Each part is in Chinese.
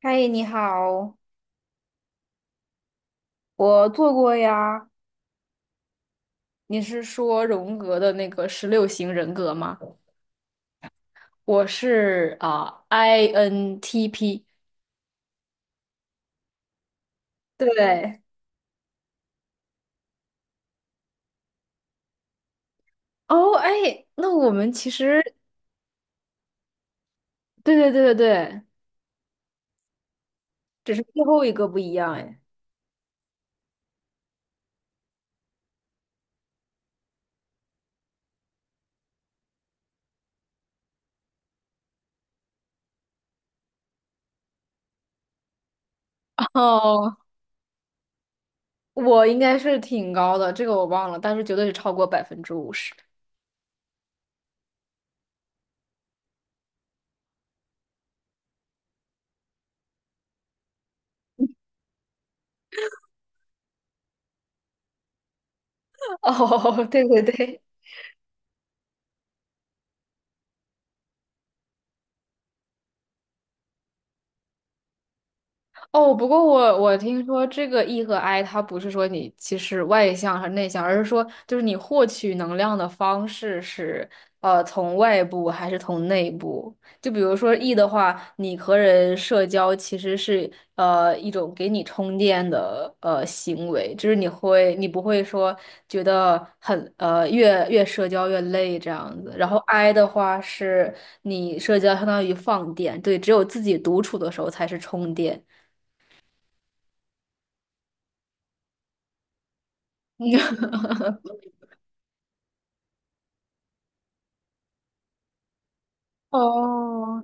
嗨，你好，我做过呀。你是说荣格的那个十六型人格吗？我是啊、INTP。对，哦，哎，那我们其实对对对对对，只是最后一个不一样哎。哦，我应该是挺高的，这个我忘了，但是绝对是超过50%。哦，对对对，哦，不过我听说这个 E 和 I，它不是说你其实外向和内向，而是说就是你获取能量的方式是从外部还是从内部。就比如说 E 的话，你和人社交其实是一种给你充电的行为，就是你不会说觉得很越社交越累这样子。然后 I 的话是你社交相当于放电，对，只有自己独处的时候才是充电。哦，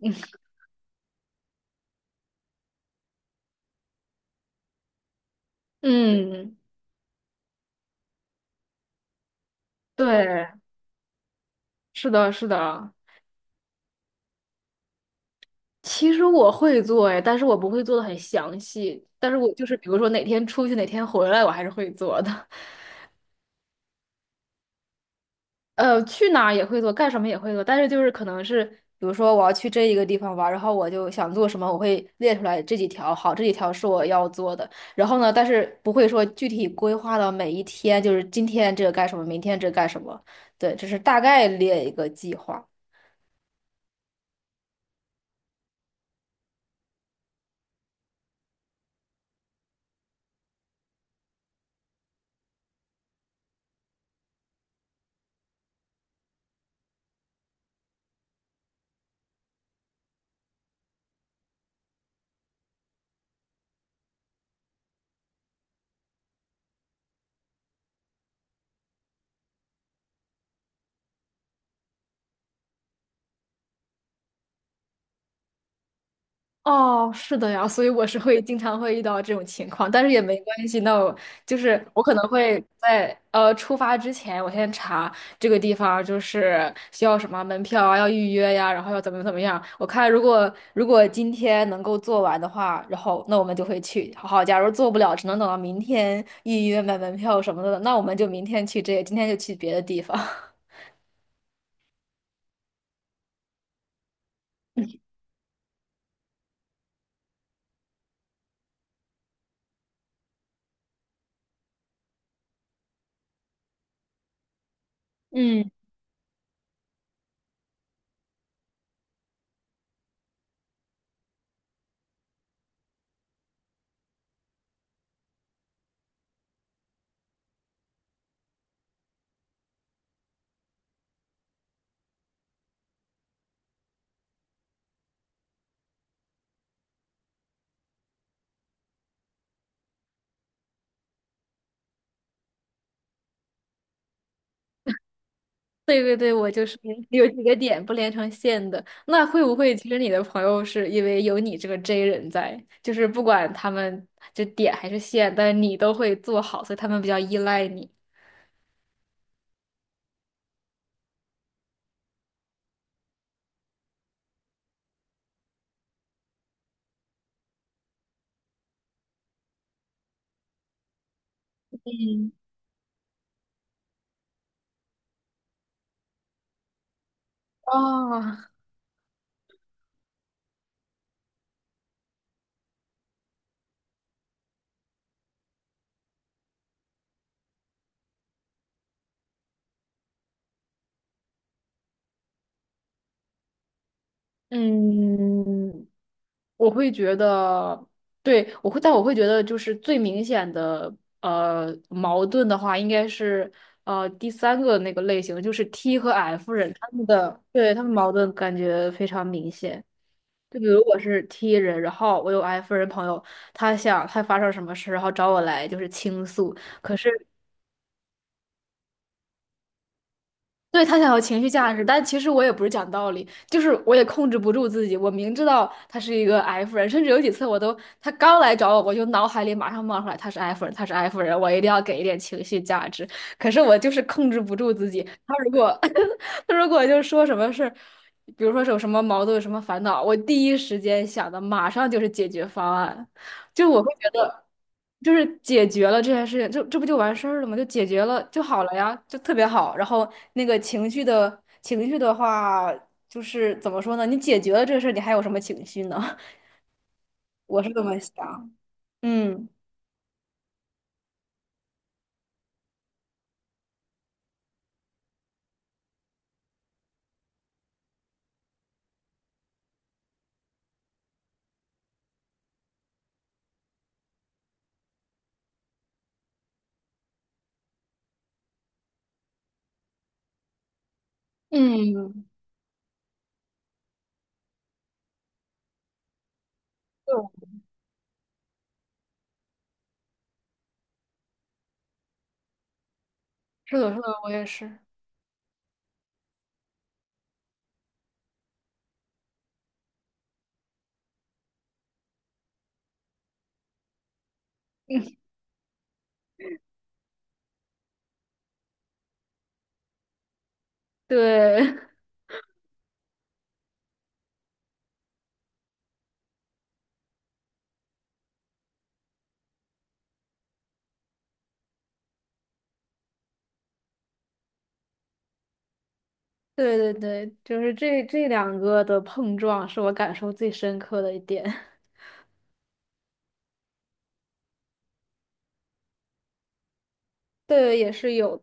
嗯，嗯，对，是的，是的。其实我会做哎，但是我不会做的很详细。但是我就是比如说哪天出去，哪天回来，我还是会做的。呃，去哪儿也会做，干什么也会做。但是就是可能是，比如说我要去这一个地方玩儿然后我就想做什么，我会列出来这几条。好，这几条是我要做的。然后呢，但是不会说具体规划到每一天，就是今天这个干什么，明天这个干什么。对，只是大概列一个计划。哦，是的呀，所以我是会经常会遇到这种情况，但是也没关系。那我就是我可能会在出发之前，我先查这个地方就是需要什么门票啊，要预约呀，然后要怎么怎么样。我看如果如果今天能够做完的话，然后那我们就会去。好，假如做不了，只能等到明天预约买门票什么的，那我们就明天去这个，今天就去别的地方。嗯。对对对，我就是有几个点不连成线的。那会不会其实你的朋友是因为有你这个 J 人在，就是不管他们就点还是线，但你都会做好，所以他们比较依赖你。哦，嗯，我会觉得，对，我会，但我会觉得，就是最明显的矛盾的话，应该是第三个那个类型，就是 T 和 F 人，他们的，对，他们矛盾感觉非常明显。就比如我是 T 人，然后我有 F 人朋友，他想他发生什么事，然后找我来就是倾诉，可是。对，他想要情绪价值，但其实我也不是讲道理，就是我也控制不住自己。我明知道他是一个 F 人，甚至有几次我都，他刚来找我，我就脑海里马上冒出来他是 F 人，他是 F 人，我一定要给一点情绪价值。可是我就是控制不住自己。他如果 他如果就是说什么事儿，比如说是有什么矛盾、有什么烦恼，我第一时间想的马上就是解决方案。就我会觉得，就是解决了这件事情，就这不就完事儿了吗？就解决了就好了呀，就特别好。然后那个情绪的话，就是怎么说呢？你解决了这个事儿，你还有什么情绪呢？我是这么想。嗯嗯，对，是的，是的，我也是。对 对对对，就是这两个的碰撞是我感受最深刻的一点。对，也是有，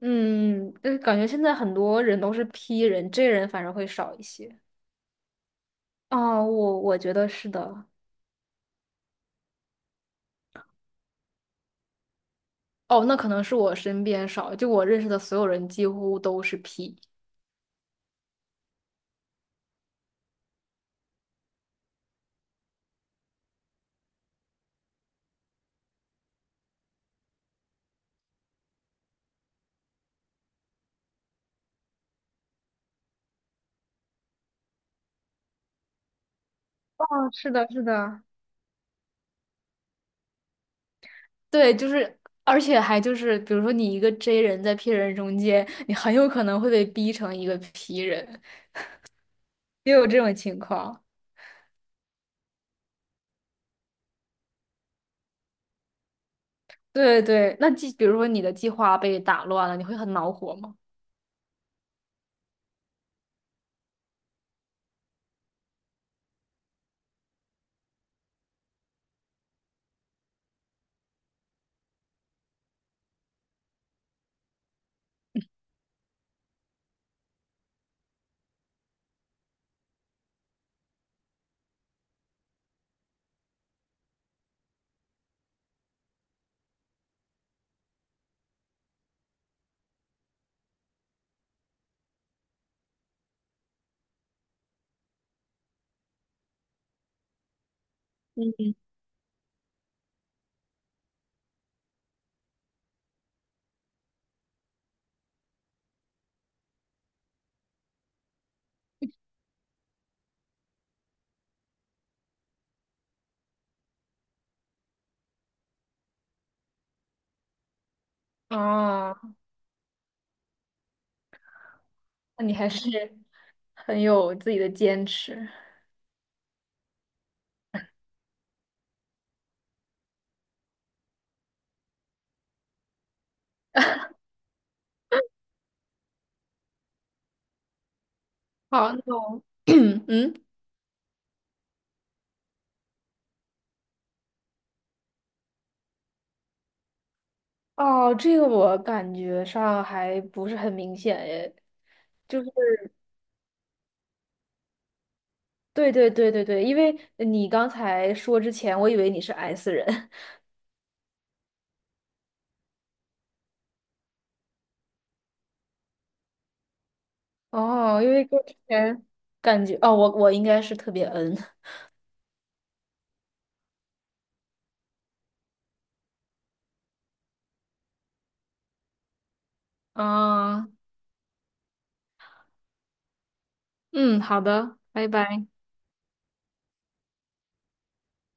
嗯，就是感觉现在很多人都是 P 人，J 人反而会少一些。哦，我我觉得是的。哦，那可能是我身边少，就我认识的所有人几乎都是 P。哦，是的，是的。对，就是，而且还就是，比如说你一个 J 人在 P 人中间，你很有可能会被逼成一个 P 人，也有这种情况。对对，那计，比如说你的计划被打乱了，你会很恼火吗？哦，那你还是很有自己的坚持。好，那我，嗯。哦，这个我感觉上还不是很明显诶，就是对对对对对，因为你刚才说之前，我以为你是 S 人 哦，因为跟之前感觉哦，我我应该是特别 N 啊，嗯，好的，拜拜。